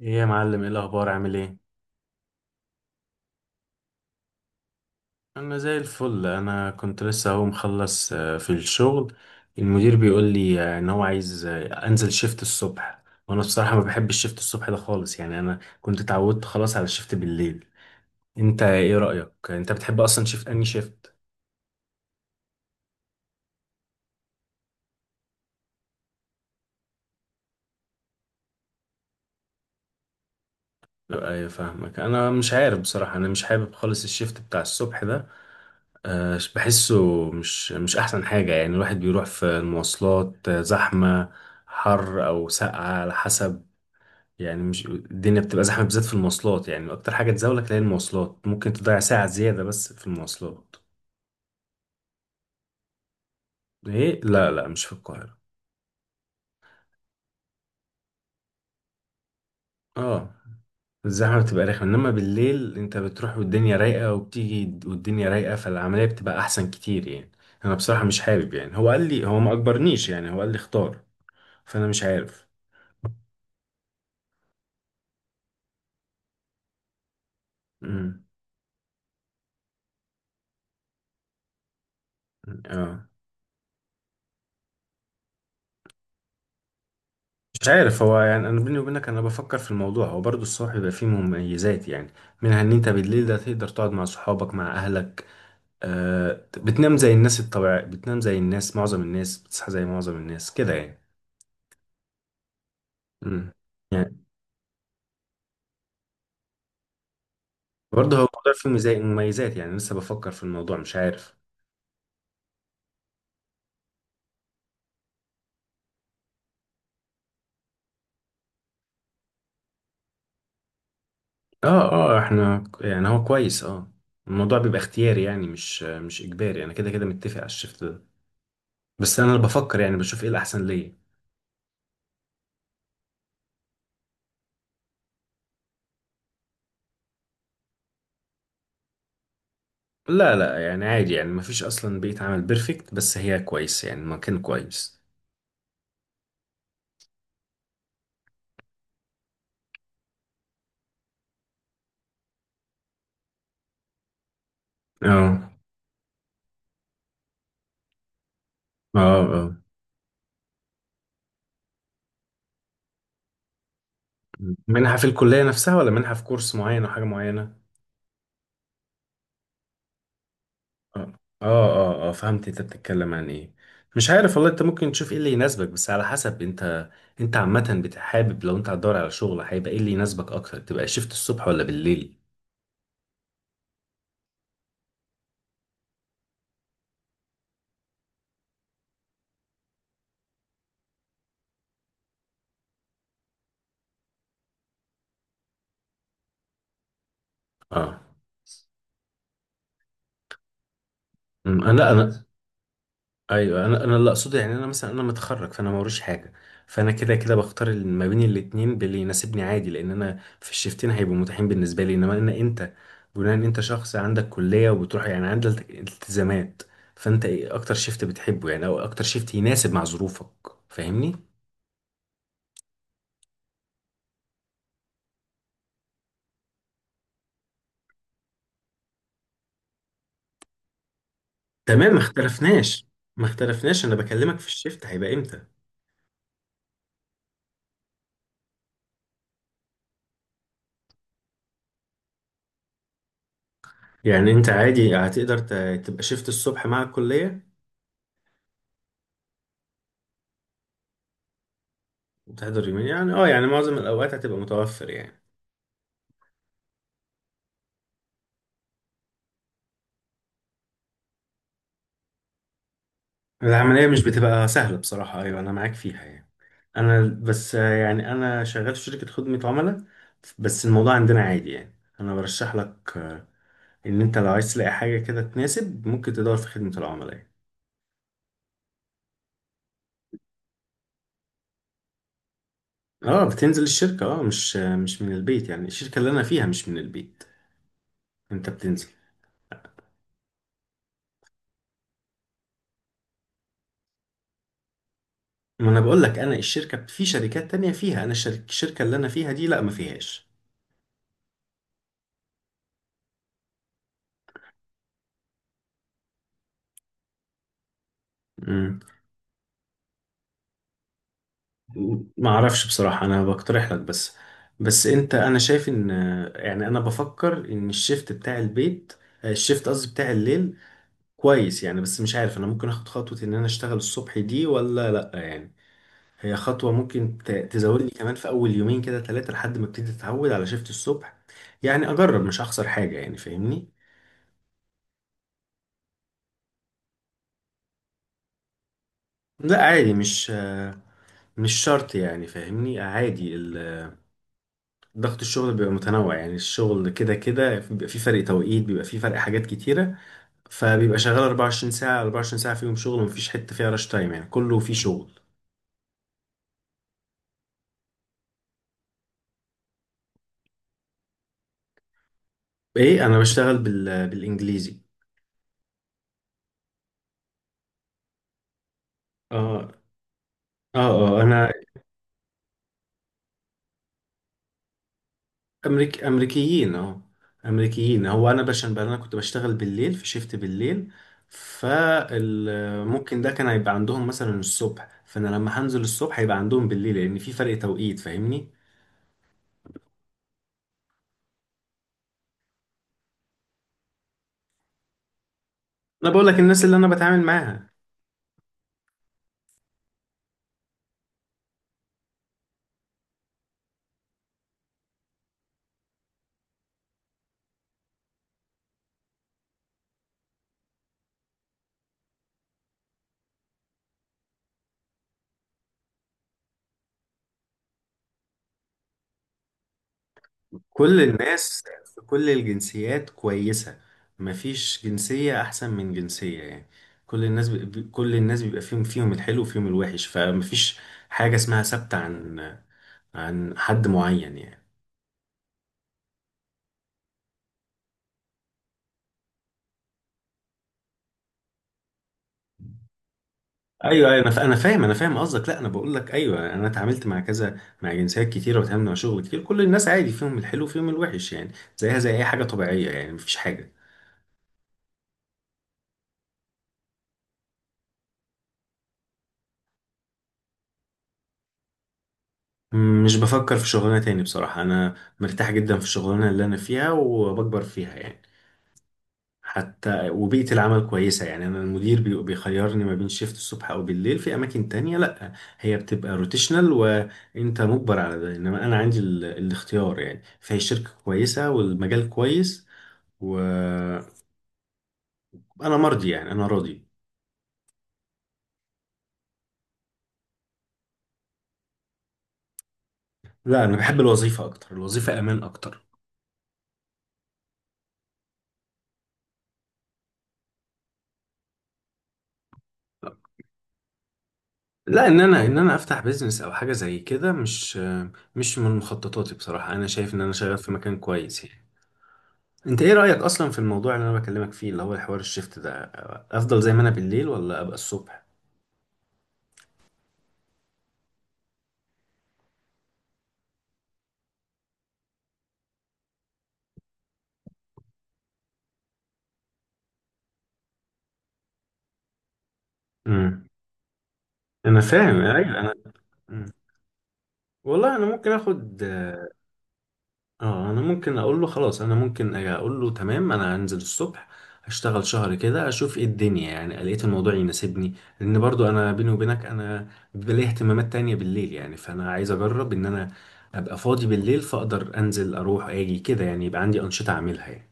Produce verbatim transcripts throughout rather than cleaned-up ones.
ايه يا معلم، ايه الاخبار؟ عامل ايه؟ انا زي الفل. انا كنت لسه اهو مخلص آه، في الشغل. المدير بيقول لي آه، ان هو عايز، آه، انزل شيفت الصبح. وانا بصراحة ما بحبش الشيفت الصبح ده خالص. يعني انا كنت اتعودت خلاص على الشيفت بالليل. انت ايه رأيك؟ انت بتحب اصلا شيفت اني شيفت؟ لا ايوه، فاهمك. انا مش عارف بصراحة، انا مش حابب خالص الشيفت بتاع الصبح ده. آه، بحسه مش مش احسن حاجة. يعني الواحد بيروح في المواصلات، آه، زحمة، حر او ساقعة على حسب. يعني مش الدنيا بتبقى زحمة بالذات في المواصلات؟ يعني أكتر حاجة تزولك هي المواصلات، ممكن تضيع ساعة زيادة بس في المواصلات. إيه؟ لا لا، مش في القاهرة. آه الزحمة بتبقى رخمة، إنما بالليل أنت بتروح والدنيا رايقة وبتيجي والدنيا رايقة، فالعملية بتبقى أحسن كتير يعني. أنا بصراحة مش حابب. يعني هو قال لي، هو ما أجبرنيش، يعني هو قال لي اختار. فأنا مش عارف. امم، آه مش عارف. هو يعني أنا بيني وبينك أنا بفكر في الموضوع. هو برضه الصبح بيبقى فيه مميزات يعني، منها إن أنت بالليل ده تقدر تقعد مع صحابك مع أهلك. آه بتنام زي الناس الطبيعية، بتنام زي الناس، معظم الناس بتصحى زي معظم الناس كده يعني. امم، يعني برضه هو موضوع فيه مزاي- مميزات، يعني لسه بفكر في الموضوع مش عارف. اه اه، احنا ك- يعني هو كويس. اه، الموضوع بيبقى اختياري، يعني مش مش اجباري. انا كده كده متفق على الشفت ده، بس انا اللي بفكر، يعني بشوف ايه الاحسن ليا. لا لا، يعني عادي. يعني مفيش اصلا بيئة عمل بيرفكت، بس هي كويس يعني، مكان كويس. اه اه. اه منحة في الكلية نفسها ولا منحة في كورس معين او حاجة معينة؟ اه اه. اه آه، فهمت انت بتتكلم عن ايه. مش عارف والله، انت ممكن تشوف ايه اللي يناسبك بس على حسب انت. انت عامة بتحابب، لو انت هتدور على شغل هيبقى ايه اللي يناسبك اكتر؟ تبقى شيفت الصبح ولا بالليل؟ اه. أمم، انا لا انا. ايوه انا، انا اللي اقصده يعني انا مثلا انا متخرج، فانا موريش حاجه. فانا كده كده بختار ال- ما بين الاتنين باللي يناسبني عادي، لان انا في الشيفتين هيبقوا متاحين بالنسبه لي. انما انا انت، بناء ان انت شخص عندك كليه وبتروح، يعني عندك التزامات. فانت ايه اكتر شيفت بتحبه، يعني او اكتر شيفت يناسب مع ظروفك؟ فاهمني؟ تمام ما اختلفناش. ما اختلفناش، انا بكلمك في الشيفت هيبقى امتى. يعني انت عادي هتقدر ت- تبقى شيفت الصبح مع الكليه؟ وتحضر يومين، يعني اه يعني معظم الاوقات هتبقى متوفر يعني. العملية مش بتبقى سهلة بصراحة، أيوة أنا معاك فيها يعني. أنا بس، آه، يعني أنا شغال في شركة خدمة عملاء. بس الموضوع عندنا عادي يعني. أنا برشح لك آه، إن أنت لو عايز تلاقي حاجة كده تناسب، ممكن تدور في خدمة العملاء يعني. أه بتنزل الشركة، أه مش، آه، مش من البيت. يعني الشركة اللي أنا فيها مش من البيت، أنت بتنزل. ما أنا بقول لك أنا الشركة، في شركات تانية فيها، أنا الشر- الشركة اللي أنا فيها دي لأ، ما فيهاش. ما اعرفش بصراحة، انا بقترح لك بس. بس انت، انا شايف ان، يعني انا بفكر ان الشيفت بتاع البيت، الشيفت قصدي بتاع الليل، كويس يعني. بس مش عارف انا ممكن اخد خطوة ان انا اشتغل الصبح دي ولا لا يعني. هي خطوة ممكن ت- تزودني كمان في اول يومين كده ثلاثة لحد ما ابتدي اتعود على شيفت الصبح. يعني اجرب، مش هخسر حاجة يعني، فاهمني؟ لا عادي، مش، مش شرط يعني، فاهمني، عادي. ضغط الشغل بيبقى متنوع. يعني الشغل كده كده بيبقى فيه فرق توقيت، بيبقى فيه فرق، حاجات كتيرة. فبيبقى شغال اربعة وعشرين ساعة، اربعة وعشرين ساعة فيهم شغل ومفيش حتة فيها راش تايم، يعني كله فيه شغل. ايه انا بشتغل بال... بالانجليزي. اه اه، اه انا، امريك امريكيين اه. امريكيين. هو انا عشان انا كنت بشتغل بالليل، في شيفت بالليل، فممكن ده كان هيبقى عندهم مثلا الصبح، فانا لما هنزل الصبح هيبقى عندهم بالليل، لان في فرق توقيت، فاهمني؟ انا بقول لك الناس اللي انا بتعامل معاها، كل الناس، في كل الجنسيات كويسة، مفيش جنسية أحسن من جنسية يعني. كل الناس بي... كل الناس بيبقى فيهم، فيهم الحلو وفيهم الوحش. فمفيش حاجة اسمها ثابتة عن، عن حد معين يعني. ايوه ايوه، انا ف... انا فاهم، انا فاهم قصدك. لا انا بقول لك، ايوه انا اتعاملت مع كذا، مع جنسيات كتيره، واتعاملت مع شغل كتير، كل الناس عادي، فيهم الحلو وفيهم الوحش يعني. زيها زي اي حاجه طبيعيه يعني، مفيش حاجه. م- مش بفكر في شغلانه تاني بصراحه. انا مرتاح جدا في الشغلانه اللي انا فيها وبكبر فيها يعني. حتى وبيئة العمل كويسة يعني. أنا المدير بي- بيخيرني ما بين شيفت الصبح أو بالليل، في أماكن تانية لأ، هي بتبقى روتيشنال وأنت مجبر على ده. إنما أنا عندي ال... الاختيار يعني. فهي شركة كويسة والمجال كويس، وأنا مرضي يعني، أنا راضي. لا أنا بحب الوظيفة أكتر، الوظيفة أمان أكتر. لا ان انا ان انا افتح بيزنس او حاجه زي كده، مش، مش من مخططاتي بصراحه. انا شايف ان انا شغال في مكان كويس يعني. انت ايه رأيك اصلا في الموضوع اللي انا بكلمك فيه، اللي هو الحوار الشيفت ده؟ افضل زي ما انا بالليل ولا ابقى الصبح؟ امم، انا فاهم. ايوه انا، مم. والله انا ممكن اخد، اه انا ممكن اقول له خلاص، انا ممكن أجي اقول له تمام، انا هنزل الصبح. هشتغل شهر كده، اشوف ايه الدنيا يعني، لقيت الموضوع يناسبني. لان برضو انا بيني وبينك، انا بيبقى لي اهتمامات تانية بالليل يعني. فانا عايز اجرب ان انا ابقى فاضي بالليل، فاقدر انزل اروح اجي كده، يعني يبقى عندي انشطة اعملها يعني.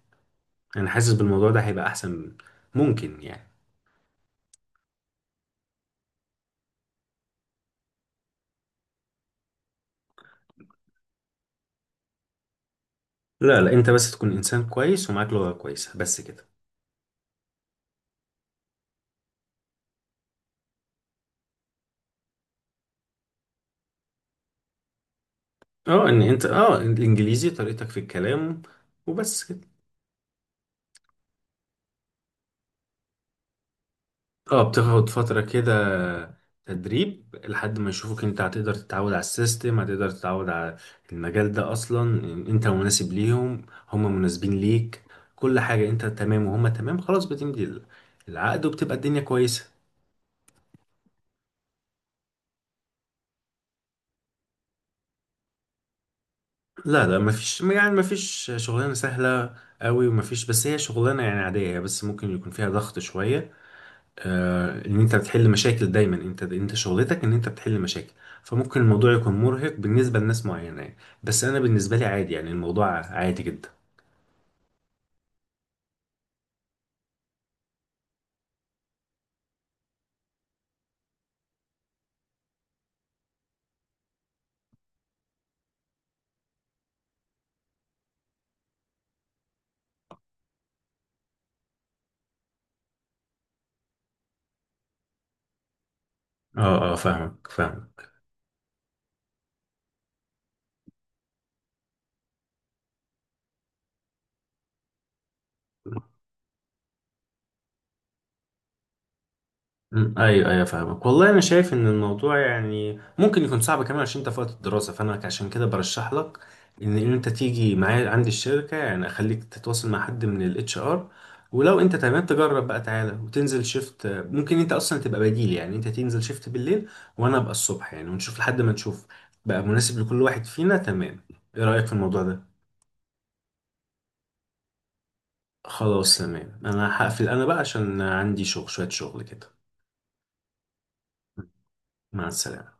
انا حاسس بالموضوع ده هيبقى احسن، ممكن يعني. لا لا، انت بس تكون انسان كويس ومعاك لغة كويسة، بس كده. اه ان انت، اه الانجليزي، طريقتك في الكلام، وبس كده. اه بتاخد فترة كده تدريب، لحد ما يشوفوك انت هتقدر تتعود على السيستم، هتقدر تتعود على المجال ده اصلا، انت مناسب ليهم، هم مناسبين ليك، كل حاجة انت تمام وهم تمام، خلاص بتمضي العقد وبتبقى الدنيا كويسة. لا لا، مفيش يعني، مفيش شغلانة سهلة قوي، ومفيش، بس هي شغلانة يعني عادية، هي بس ممكن يكون فيها ضغط شوية. آه ان انت بتحل مشاكل دايما، انت انت شغلتك ان انت بتحل مشاكل. فممكن الموضوع يكون مرهق بالنسبة لناس معينة يعني. بس انا بالنسبة لي عادي، يعني الموضوع عادي جدا. اه اه فاهمك، فاهمك. مم، ايوه ايوه فاهمك. والله انا شايف ان الموضوع يعني ممكن يكون صعب كمان عشان انت في وقت الدراسه. فانا عشان كده برشح لك ان، إن انت تيجي معايا عندي الشركه، يعني اخليك تتواصل مع حد من الاتش ار. ولو انت تمام تجرب بقى، تعالى وتنزل شيفت، ممكن انت اصلا تبقى بديل. يعني انت تنزل شيفت بالليل وانا ابقى الصبح يعني، ونشوف لحد ما نشوف بقى مناسب لكل واحد فينا. تمام، ايه رايك في الموضوع ده؟ خلاص تمام، انا هقفل انا بقى عشان عندي شغل، شويه شغل كده. مع السلامه.